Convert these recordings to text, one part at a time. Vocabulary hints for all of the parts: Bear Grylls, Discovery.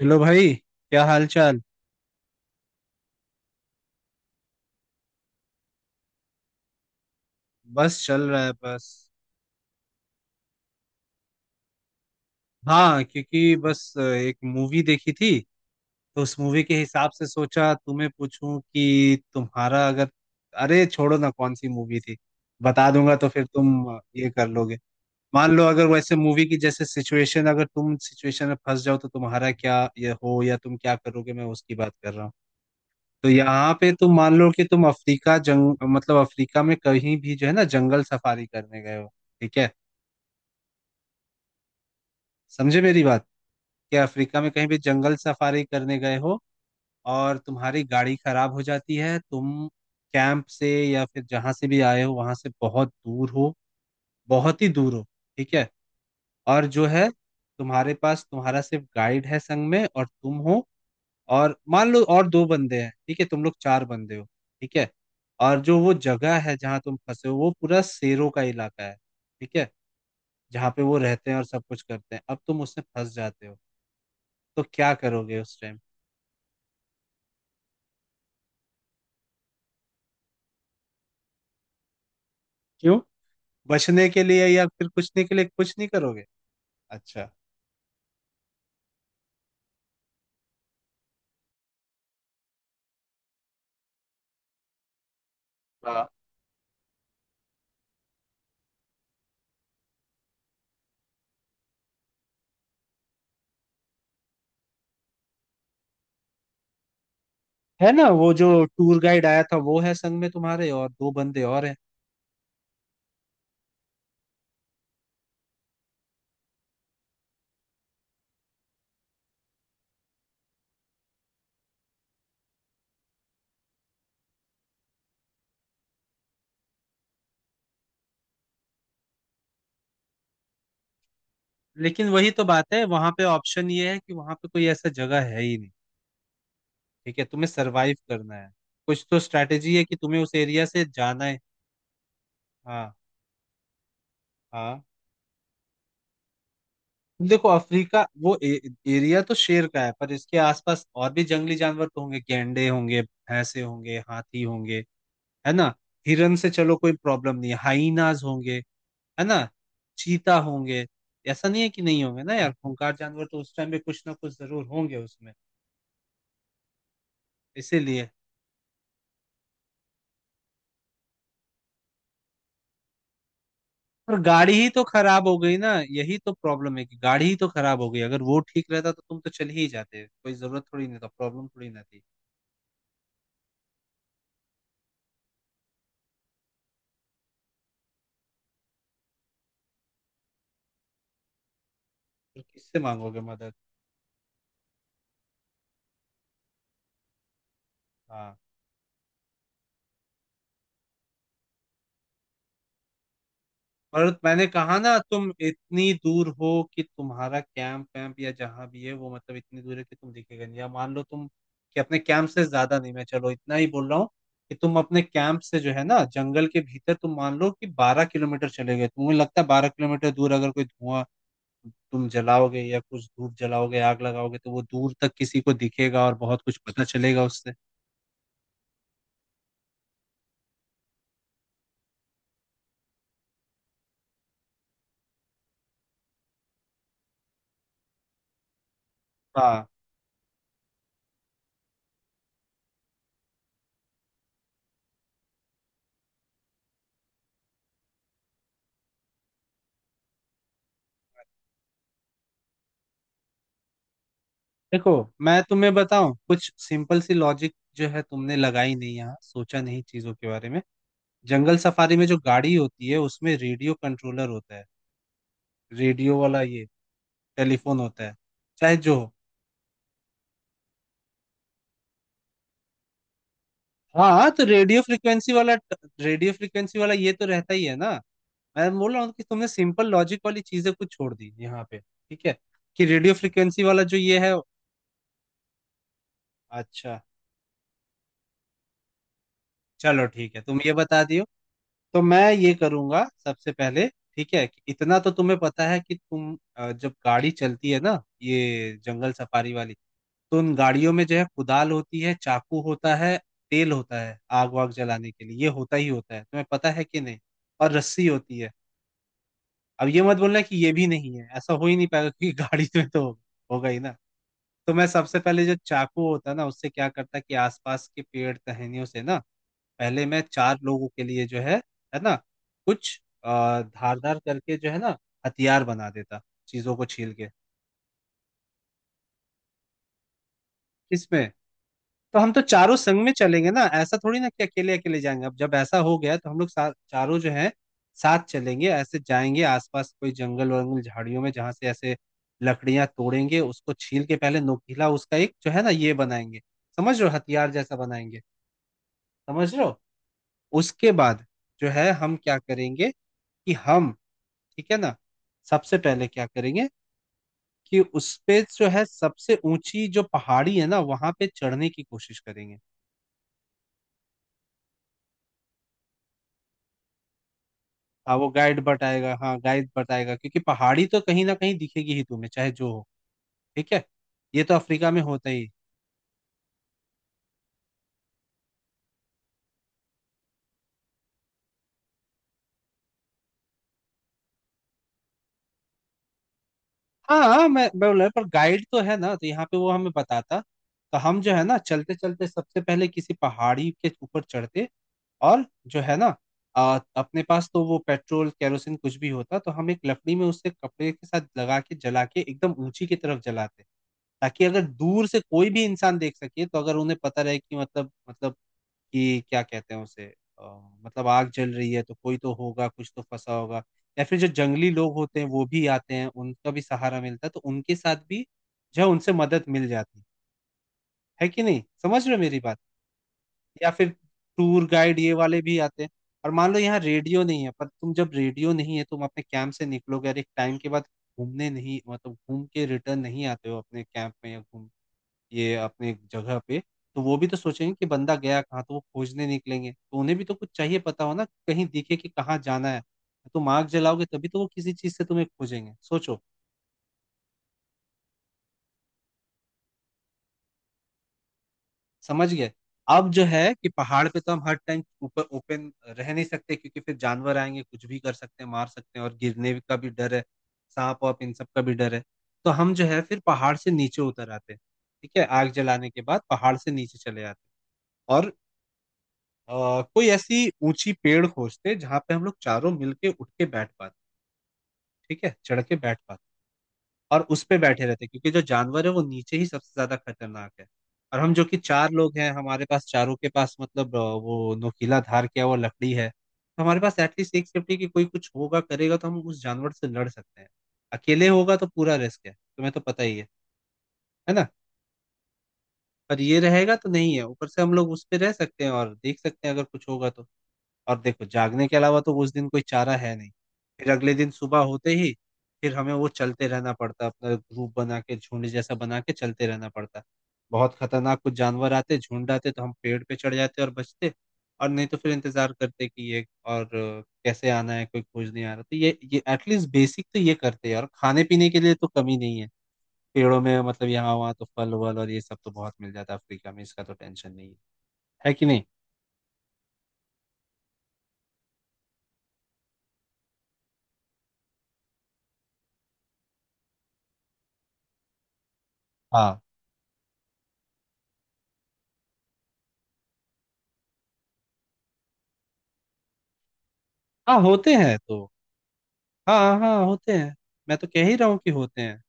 Hello भाई। क्या हाल चाल। बस चल रहा है बस। हाँ क्योंकि बस एक मूवी देखी थी। तो उस मूवी के हिसाब से सोचा तुम्हें पूछूं कि तुम्हारा अगर। अरे छोड़ो ना कौन सी मूवी थी। बता दूंगा तो फिर तुम ये कर लोगे। मान लो अगर वैसे मूवी की जैसे सिचुएशन अगर तुम सिचुएशन में फंस जाओ तो तुम्हारा क्या ये हो या तुम क्या करोगे, मैं उसकी बात कर रहा हूँ। तो यहाँ पे तुम मान लो कि तुम अफ्रीका जंग मतलब अफ्रीका में कहीं भी जो है ना जंगल सफारी करने गए हो। ठीक है, समझे मेरी बात। कि अफ्रीका में कहीं भी जंगल सफारी करने गए हो और तुम्हारी गाड़ी खराब हो जाती है। तुम कैंप से या फिर जहां से भी आए हो वहां से बहुत दूर हो, बहुत ही दूर हो। ठीक है। और जो है, तुम्हारे पास तुम्हारा सिर्फ गाइड है संग में और तुम हो। और मान लो और दो बंदे हैं, ठीक है, तुम लोग चार बंदे हो। ठीक है। और जो वो जगह है जहां तुम फंसे हो वो पूरा शेरों का इलाका है। ठीक है। जहाँ पे वो रहते हैं और सब कुछ करते हैं, अब तुम उसमें फंस जाते हो। तो क्या करोगे उस टाइम। क्यों, बचने के लिए या फिर पूछने के लिए कुछ नहीं करोगे? अच्छा। हाँ, है ना, वो जो टूर गाइड आया था वो है संग में तुम्हारे और दो बंदे और हैं। लेकिन वही तो बात है, वहां पे ऑप्शन ये है कि वहां पे कोई ऐसा जगह है ही नहीं। ठीक है, तुम्हें सरवाइव करना है। कुछ तो स्ट्रैटेजी है कि तुम्हें उस एरिया से जाना है। हाँ हाँ। देखो अफ्रीका वो एरिया तो शेर का है पर इसके आसपास और भी जंगली जानवर तो होंगे, गैंडे होंगे, भैंसे होंगे, हाथी होंगे। है ना। हिरन से चलो कोई प्रॉब्लम नहीं है, हाइनाज होंगे। है ना। चीता होंगे। ऐसा नहीं है कि नहीं होंगे ना यार, खूंखार जानवर तो उस टाइम पे कुछ ना कुछ जरूर होंगे उसमें। इसीलिए पर गाड़ी ही तो खराब हो गई ना, यही तो प्रॉब्लम है कि गाड़ी ही तो खराब हो गई। अगर वो ठीक रहता तो तुम तो चल ही जाते, कोई जरूरत थोड़ी नहीं था, प्रॉब्लम थोड़ी ना थी। फिर किससे मांगोगे मदद। हाँ। और मैंने कहा ना तुम इतनी दूर हो कि तुम्हारा कैंप वैम्प या जहां भी है वो मतलब इतनी दूर है कि तुम दिखेगा नहीं। या मान लो तुम कि अपने कैंप से ज्यादा नहीं, मैं चलो इतना ही बोल रहा हूँ कि तुम अपने कैंप से जो है ना जंगल के भीतर तुम मान लो कि 12 किलोमीटर चले गए। तुम्हें लगता है 12 किलोमीटर दूर अगर कोई धुआं तुम जलाओगे या कुछ धूप जलाओगे, आग लगाओगे, तो वो दूर तक किसी को दिखेगा और बहुत कुछ पता चलेगा उससे। हाँ। देखो मैं तुम्हें बताऊं कुछ सिंपल सी लॉजिक जो है तुमने लगाई नहीं, यहाँ सोचा नहीं चीजों के बारे में। जंगल सफारी में जो गाड़ी होती है उसमें रेडियो कंट्रोलर होता है, रेडियो वाला ये टेलीफोन होता है। चाहे जो हो, हाँ, तो रेडियो फ्रिक्वेंसी वाला, रेडियो फ्रिक्वेंसी वाला ये तो रहता ही है ना। मैं बोल रहा हूँ कि तुमने सिंपल लॉजिक वाली चीजें कुछ छोड़ दी यहाँ पे। ठीक है कि रेडियो फ्रिक्वेंसी वाला जो ये है। अच्छा, चलो ठीक है, तुम ये बता दियो। तो मैं ये करूंगा सबसे पहले, ठीक है, कि इतना तो तुम्हें पता है कि तुम जब गाड़ी चलती है ना ये जंगल सफारी वाली, तो उन गाड़ियों में जो है कुदाल होती है, चाकू होता है, तेल होता है आग वाग जलाने के लिए, ये होता ही होता है, तुम्हें पता है कि नहीं। और रस्सी होती है। अब ये मत बोलना कि ये भी नहीं है, ऐसा हो ही नहीं पाएगा क्योंकि गाड़ी में तो होगा ही ना। तो मैं सबसे पहले जो चाकू होता है ना उससे क्या करता कि आसपास के पेड़ टहनियों से ना, पहले मैं चार लोगों के लिए जो है ना, कुछ धारदार करके जो है ना हथियार बना देता, चीजों को छील के। इसमें, तो हम तो चारों संग में चलेंगे ना, ऐसा थोड़ी ना कि अकेले अकेले जाएंगे। अब जब ऐसा हो गया तो हम लोग चारों जो है साथ चलेंगे, ऐसे जाएंगे आसपास कोई जंगल वंगल झाड़ियों में जहां से ऐसे लकड़ियां तोड़ेंगे, उसको छील के पहले नोकीला उसका एक जो है ना ये बनाएंगे। समझ रहे हो, हथियार जैसा बनाएंगे। समझ रहे हो, उसके बाद जो है हम क्या करेंगे, कि हम, ठीक है ना, सबसे पहले क्या करेंगे कि उस पे जो है सबसे ऊंची जो पहाड़ी है ना वहां पे चढ़ने की कोशिश करेंगे। हाँ वो गाइड बताएगा, हाँ गाइड बताएगा क्योंकि पहाड़ी तो कहीं ना कहीं दिखेगी ही तुम्हें चाहे जो हो। ठीक है, ये तो अफ्रीका में होता ही। हाँ हाँ, मैं बोला पर गाइड तो है ना, तो यहाँ पे वो हमें बताता। तो हम जो है ना चलते चलते सबसे पहले किसी पहाड़ी के ऊपर चढ़ते और जो है ना अपने पास तो वो पेट्रोल केरोसिन कुछ भी होता तो हम एक लकड़ी में उससे कपड़े के साथ लगा के जला के एकदम ऊंची की तरफ जलाते, ताकि अगर दूर से कोई भी इंसान देख सके तो अगर उन्हें पता रहे कि मतलब कि क्या कहते हैं उसे, अ, मतलब आग जल रही है तो कोई तो होगा, कुछ तो फंसा होगा। या फिर जो जंगली लोग होते हैं वो भी आते हैं, उनका भी सहारा मिलता है, तो उनके साथ भी जो है उनसे मदद मिल जाती है। है कि नहीं, समझ रहे हो मेरी बात। या फिर टूर गाइड ये वाले भी आते हैं। और मान लो यहाँ रेडियो नहीं है पर तुम जब रेडियो नहीं है तुम अपने कैंप से निकलोगे और एक टाइम के बाद घूमने नहीं, मतलब घूम के रिटर्न नहीं आते हो अपने कैंप में या घूम, ये अपने जगह पे, तो वो भी तो सोचेंगे कि बंदा गया कहाँ? तो वो खोजने निकलेंगे, तो उन्हें भी तो कुछ चाहिए पता हो ना, कहीं दिखे कि कहाँ जाना है। तुम आग जलाओगे तभी तो वो किसी चीज़ से तुम्हें खोजेंगे, सोचो, समझ गए? अब जो है कि पहाड़ पे तो हम हर टाइम ऊपर ओपन रह नहीं सकते क्योंकि फिर जानवर आएँगे, कुछ भी कर सकते हैं, मार सकते हैं और गिरने का भी डर है, साँप-वाँप इन सब का भी डर है। तो हम जो है फिर पहाड़ से नीचे उतर आते हैं, ठीक है? आग जलाने के बाद पहाड़ से नीचे चले आते हैं और कोई ऐसी ऊंची पेड़ खोजते जहां पे हम लोग चारों मिलके उठ के बैठ पाते, ठीक है, चढ़ के बैठ पाते। और उस पे बैठे रहते क्योंकि जो जानवर है वो नीचे ही सबसे ज्यादा खतरनाक है। और हम जो कि चार लोग हैं हमारे पास चारों के पास मतलब वो नोकीला धार किया हुआ लकड़ी है, तो हमारे पास एटलीस्ट एक सेफ्टी की कोई कुछ होगा, करेगा तो हम उस जानवर से लड़ सकते हैं। अकेले होगा तो पूरा रिस्क है, तुम्हें तो पता ही है। है ना। पर ये रहेगा तो नहीं है, ऊपर से हम लोग उस पे रह सकते हैं और देख सकते हैं अगर कुछ होगा तो। और देखो जागने के अलावा तो उस दिन कोई चारा है नहीं। फिर अगले दिन सुबह होते ही फिर हमें वो चलते रहना पड़ता, अपना ग्रुप बना के झुंड जैसा बना के चलते रहना पड़ता। बहुत खतरनाक कुछ जानवर आते, झुंड आते तो हम पेड़ पे चढ़ जाते और बचते। और नहीं तो फिर इंतजार करते कि ये और कैसे आना है कोई खोज नहीं आ रहा, तो ये एटलीस्ट बेसिक तो ये करते हैं। और खाने पीने के लिए तो कमी नहीं है, पेड़ों में मतलब यहाँ वहाँ तो फल वल और ये सब तो बहुत मिल जाता है अफ्रीका में, इसका तो टेंशन नहीं है। है कि नहीं। हाँ हाँ होते हैं तो। हाँ हाँ होते हैं, मैं तो कह ही रहा हूँ कि होते हैं।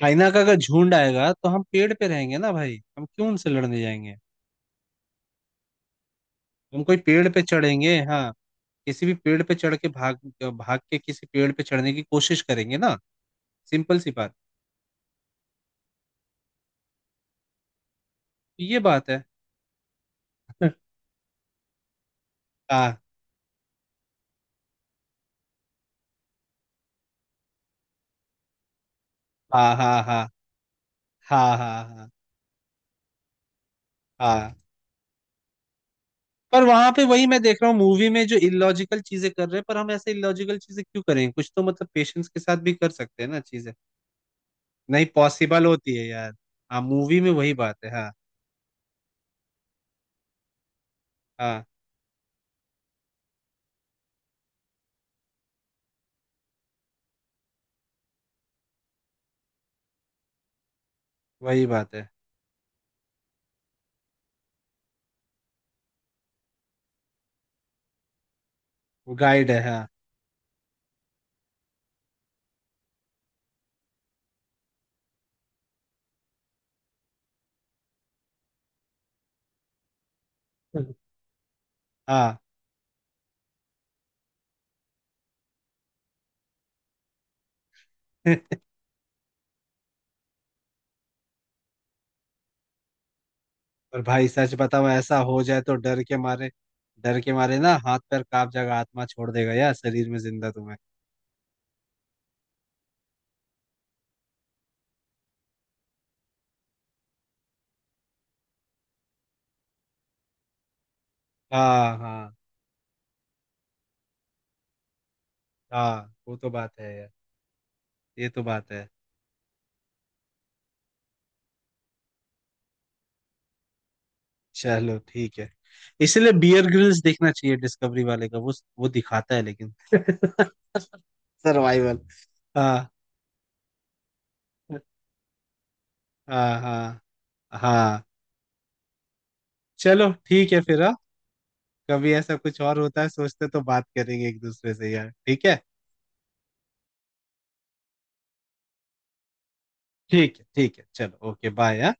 चाइना का अगर झुंड आएगा तो हम पेड़ पे रहेंगे ना भाई, हम क्यों उनसे लड़ने जाएंगे। हम कोई पेड़ पे चढ़ेंगे हाँ, किसी भी पेड़ पे चढ़ के भाग, भाग के किसी पेड़ पे चढ़ने की कोशिश करेंगे ना। सिंपल सी बात। ये बात है। हाँ हाँ हाँ। हाँ हाँ हाँ। हाँ। हाँ। पर वहां पे वही मैं देख रहा हूँ मूवी में जो इलॉजिकल चीजें कर रहे हैं, पर हम ऐसे इलॉजिकल चीजें क्यों करें, कुछ तो मतलब पेशेंस के साथ भी कर सकते हैं ना चीजें। नहीं पॉसिबल होती है यार। हाँ मूवी में वही बात है हाँ। हाँ वही बात है। वो गाइड है हाँ। हम्म। हाँ। और भाई सच बताओ ऐसा हो जाए तो डर के मारे, डर के मारे ना हाथ पैर कांप जाएगा, आत्मा छोड़ देगा यार शरीर में, जिंदा तुम्हें। हाँ हाँ। हाँ वो तो बात है यार। ये तो बात है। चलो ठीक है। इसलिए बियर ग्रिल्स देखना चाहिए, डिस्कवरी वाले का वो दिखाता है लेकिन सर्वाइवल। हाँ हाँ। हाँ हाँ। चलो ठीक है फिर हाँ? कभी ऐसा कुछ और होता है सोचते तो बात करेंगे एक दूसरे से यार, ठीक है। ठीक है ठीक है, चलो ओके बाय।